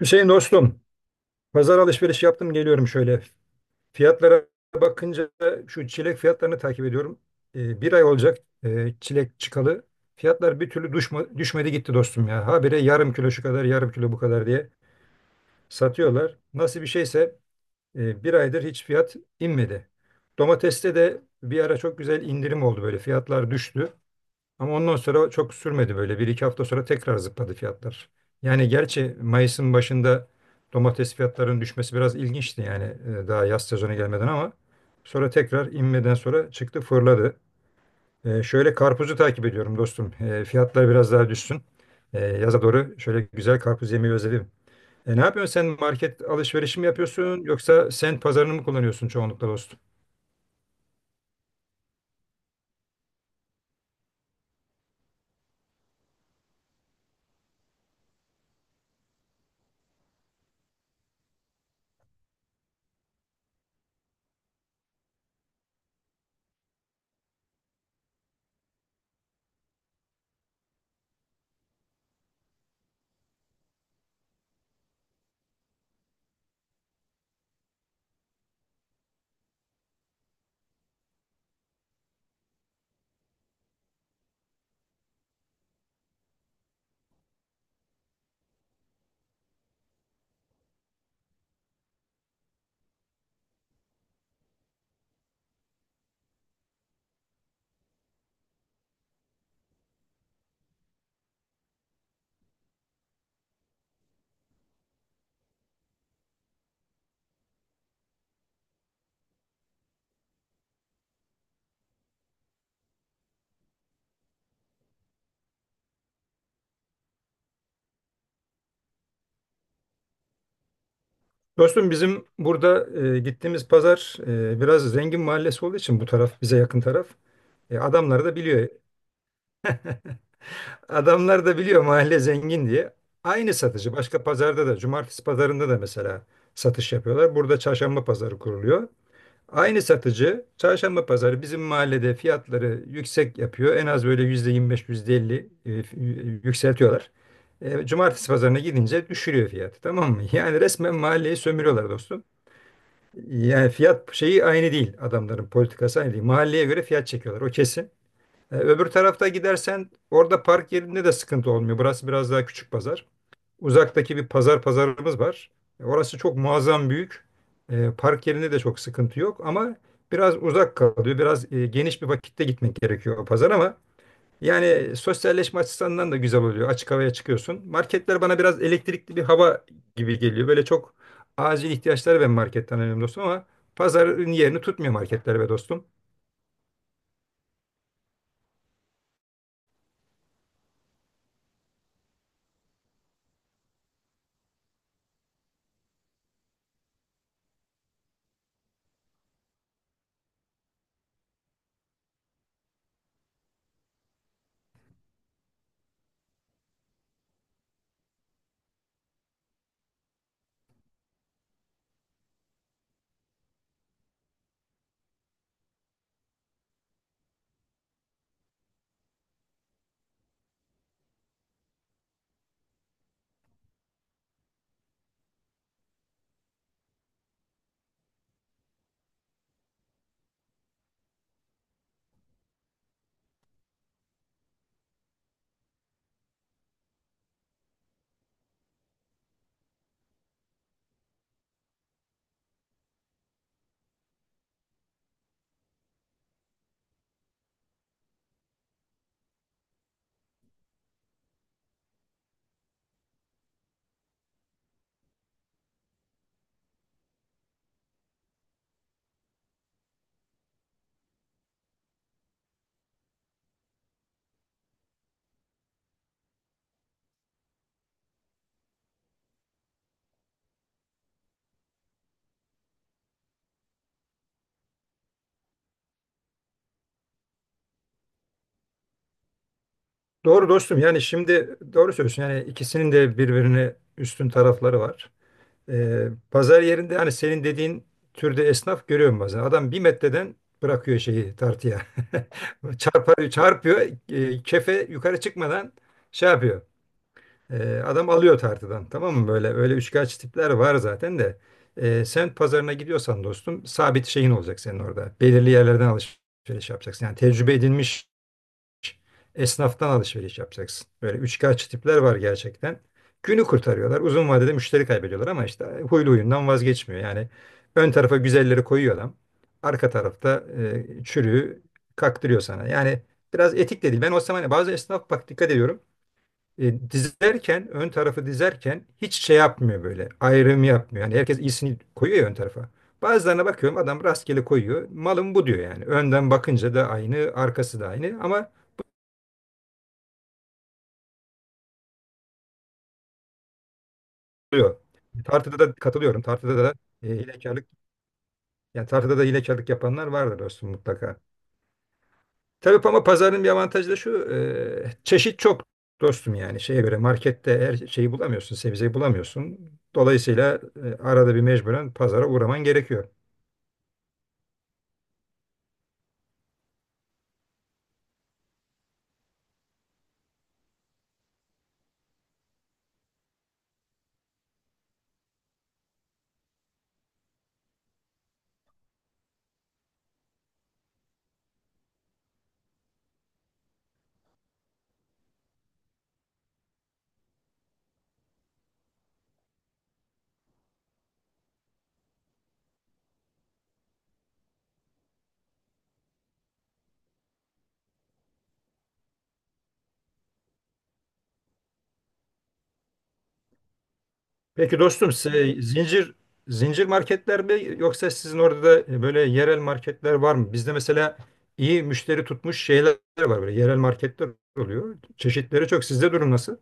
Hüseyin dostum, pazar alışveriş yaptım geliyorum şöyle. Fiyatlara bakınca şu çilek fiyatlarını takip ediyorum. Bir ay olacak çilek çıkalı. Fiyatlar bir türlü düşmedi gitti dostum ya. Habire yarım kilo şu kadar, yarım kilo bu kadar diye satıyorlar. Nasıl bir şeyse bir aydır hiç fiyat inmedi. Domateste de bir ara çok güzel indirim oldu böyle. Fiyatlar düştü. Ama ondan sonra çok sürmedi böyle. Bir iki hafta sonra tekrar zıpladı fiyatlar. Yani gerçi Mayıs'ın başında domates fiyatlarının düşmesi biraz ilginçti yani daha yaz sezonu gelmeden ama sonra tekrar inmeden sonra çıktı fırladı. Şöyle karpuzu takip ediyorum dostum. Fiyatlar biraz daha düşsün. Yaza doğru şöyle güzel karpuz yemeyi özledim. Ne yapıyorsun sen market alışverişi mi yapıyorsun yoksa sen pazarını mı kullanıyorsun çoğunlukla dostum? Dostum bizim burada gittiğimiz pazar biraz zengin mahallesi olduğu için bu taraf bize yakın taraf. Adamlar da biliyor. Adamlar da biliyor mahalle zengin diye. Aynı satıcı başka pazarda da cumartesi pazarında da mesela satış yapıyorlar. Burada çarşamba pazarı kuruluyor. Aynı satıcı çarşamba pazarı bizim mahallede fiyatları yüksek yapıyor. En az böyle %25 %50 yükseltiyorlar. Cumartesi pazarına gidince düşürüyor fiyatı, tamam mı? Yani resmen mahalleyi sömürüyorlar dostum. Yani fiyat şeyi aynı değil, adamların politikası aynı değil. Mahalleye göre fiyat çekiyorlar, o kesin. Öbür tarafta gidersen orada park yerinde de sıkıntı olmuyor. Burası biraz daha küçük pazar. Uzaktaki bir pazarımız var. Orası çok muazzam büyük. Park yerinde de çok sıkıntı yok ama biraz uzak kalıyor. Biraz geniş bir vakitte gitmek gerekiyor o pazar ama yani sosyalleşme açısından da güzel oluyor. Açık havaya çıkıyorsun. Marketler bana biraz elektrikli bir hava gibi geliyor. Böyle çok acil ihtiyaçları ben marketten alıyorum dostum ama pazarın yerini tutmuyor marketler be dostum. Doğru dostum, yani şimdi doğru söylüyorsun. Yani ikisinin de birbirine üstün tarafları var. Pazar yerinde hani senin dediğin türde esnaf görüyorum bazen. Adam bir metreden bırakıyor şeyi tartıya. Çarpıyor. Kefe yukarı çıkmadan şey yapıyor. Adam alıyor tartıdan, tamam mı? Böyle öyle üçkağıtçı tipler var zaten de. Sen pazarına gidiyorsan dostum sabit şeyin olacak senin orada. Belirli yerlerden alışveriş yapacaksın. Yani tecrübe edilmiş esnaftan alışveriş yapacaksın. Böyle üçkağıtçı tipler var gerçekten. Günü kurtarıyorlar. Uzun vadede müşteri kaybediyorlar ama işte huylu huyundan vazgeçmiyor. Yani ön tarafa güzelleri koyuyor adam. Arka tarafta çürüğü kaktırıyor sana. Yani biraz etik de değil. Ben o zaman bazı esnaf bak dikkat ediyorum. Dizerken, ön tarafı dizerken hiç şey yapmıyor böyle. Ayrım yapmıyor. Yani herkes iyisini koyuyor ya ön tarafa. Bazılarına bakıyorum adam rastgele koyuyor. Malım bu diyor yani. Önden bakınca da aynı, arkası da aynı ama oluyor. Tartıda da katılıyorum. Tartıda da hilekarlık, yani tartıda da hilekarlık yapanlar vardır dostum mutlaka. Tabii ama pazarın bir avantajı da şu. Çeşit çok dostum yani. Şeye göre markette her şeyi bulamıyorsun. Sebzeyi bulamıyorsun. Dolayısıyla arada bir mecburen pazara uğraman gerekiyor. Peki dostum size zincir marketler mi yoksa sizin orada da böyle yerel marketler var mı? Bizde mesela iyi müşteri tutmuş şeyler var, böyle yerel marketler oluyor. Çeşitleri çok. Sizde durum nasıl?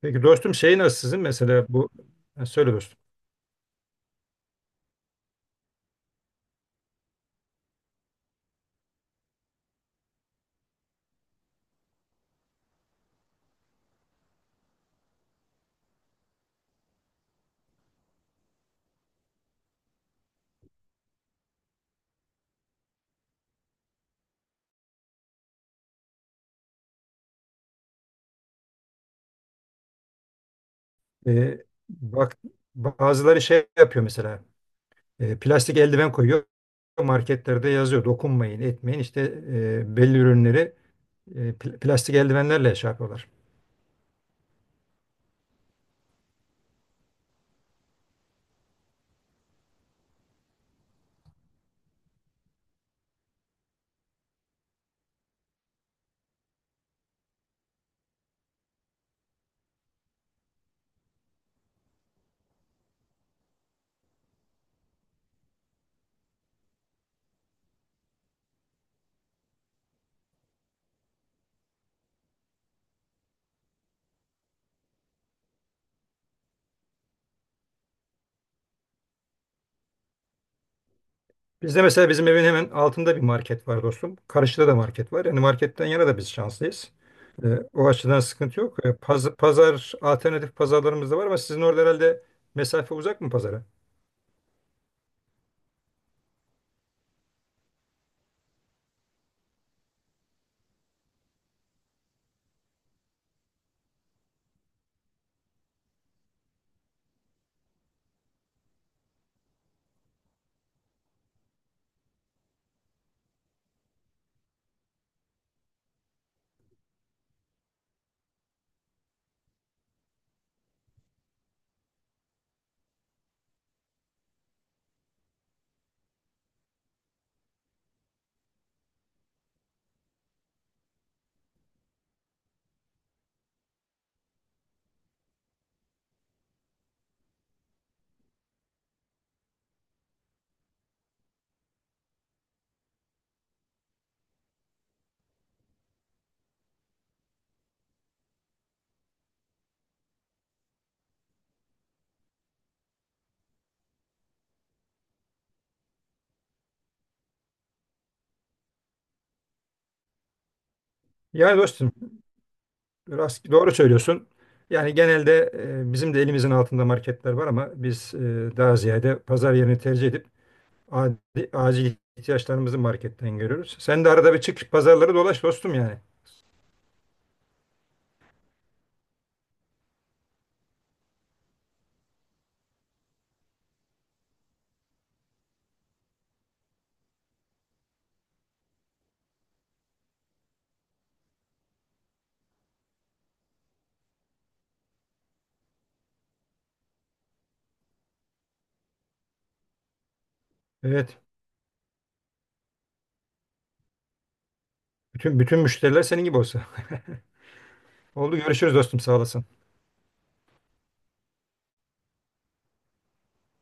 Peki dostum şey nasıl sizin mesela bu. Ha, söyle dostum. Ee, Bak bazıları şey yapıyor mesela plastik eldiven koyuyor, marketlerde yazıyor dokunmayın etmeyin işte belli ürünleri plastik eldivenlerle şey yapıyorlar. Bizde mesela bizim evin hemen altında bir market var dostum. Karşıda da market var. Yani marketten yana da biz şanslıyız. Ee, O açıdan sıkıntı yok. Pazar, alternatif pazarlarımız da var ama sizin orada herhalde mesafe uzak mı pazara? Yani dostum, doğru söylüyorsun. Yani genelde bizim de elimizin altında marketler var ama biz daha ziyade pazar yerini tercih edip acil ihtiyaçlarımızı marketten görüyoruz. Sen de arada bir çık pazarları dolaş dostum yani. Evet. Bütün müşteriler senin gibi olsa. Oldu, görüşürüz dostum, sağ olasın.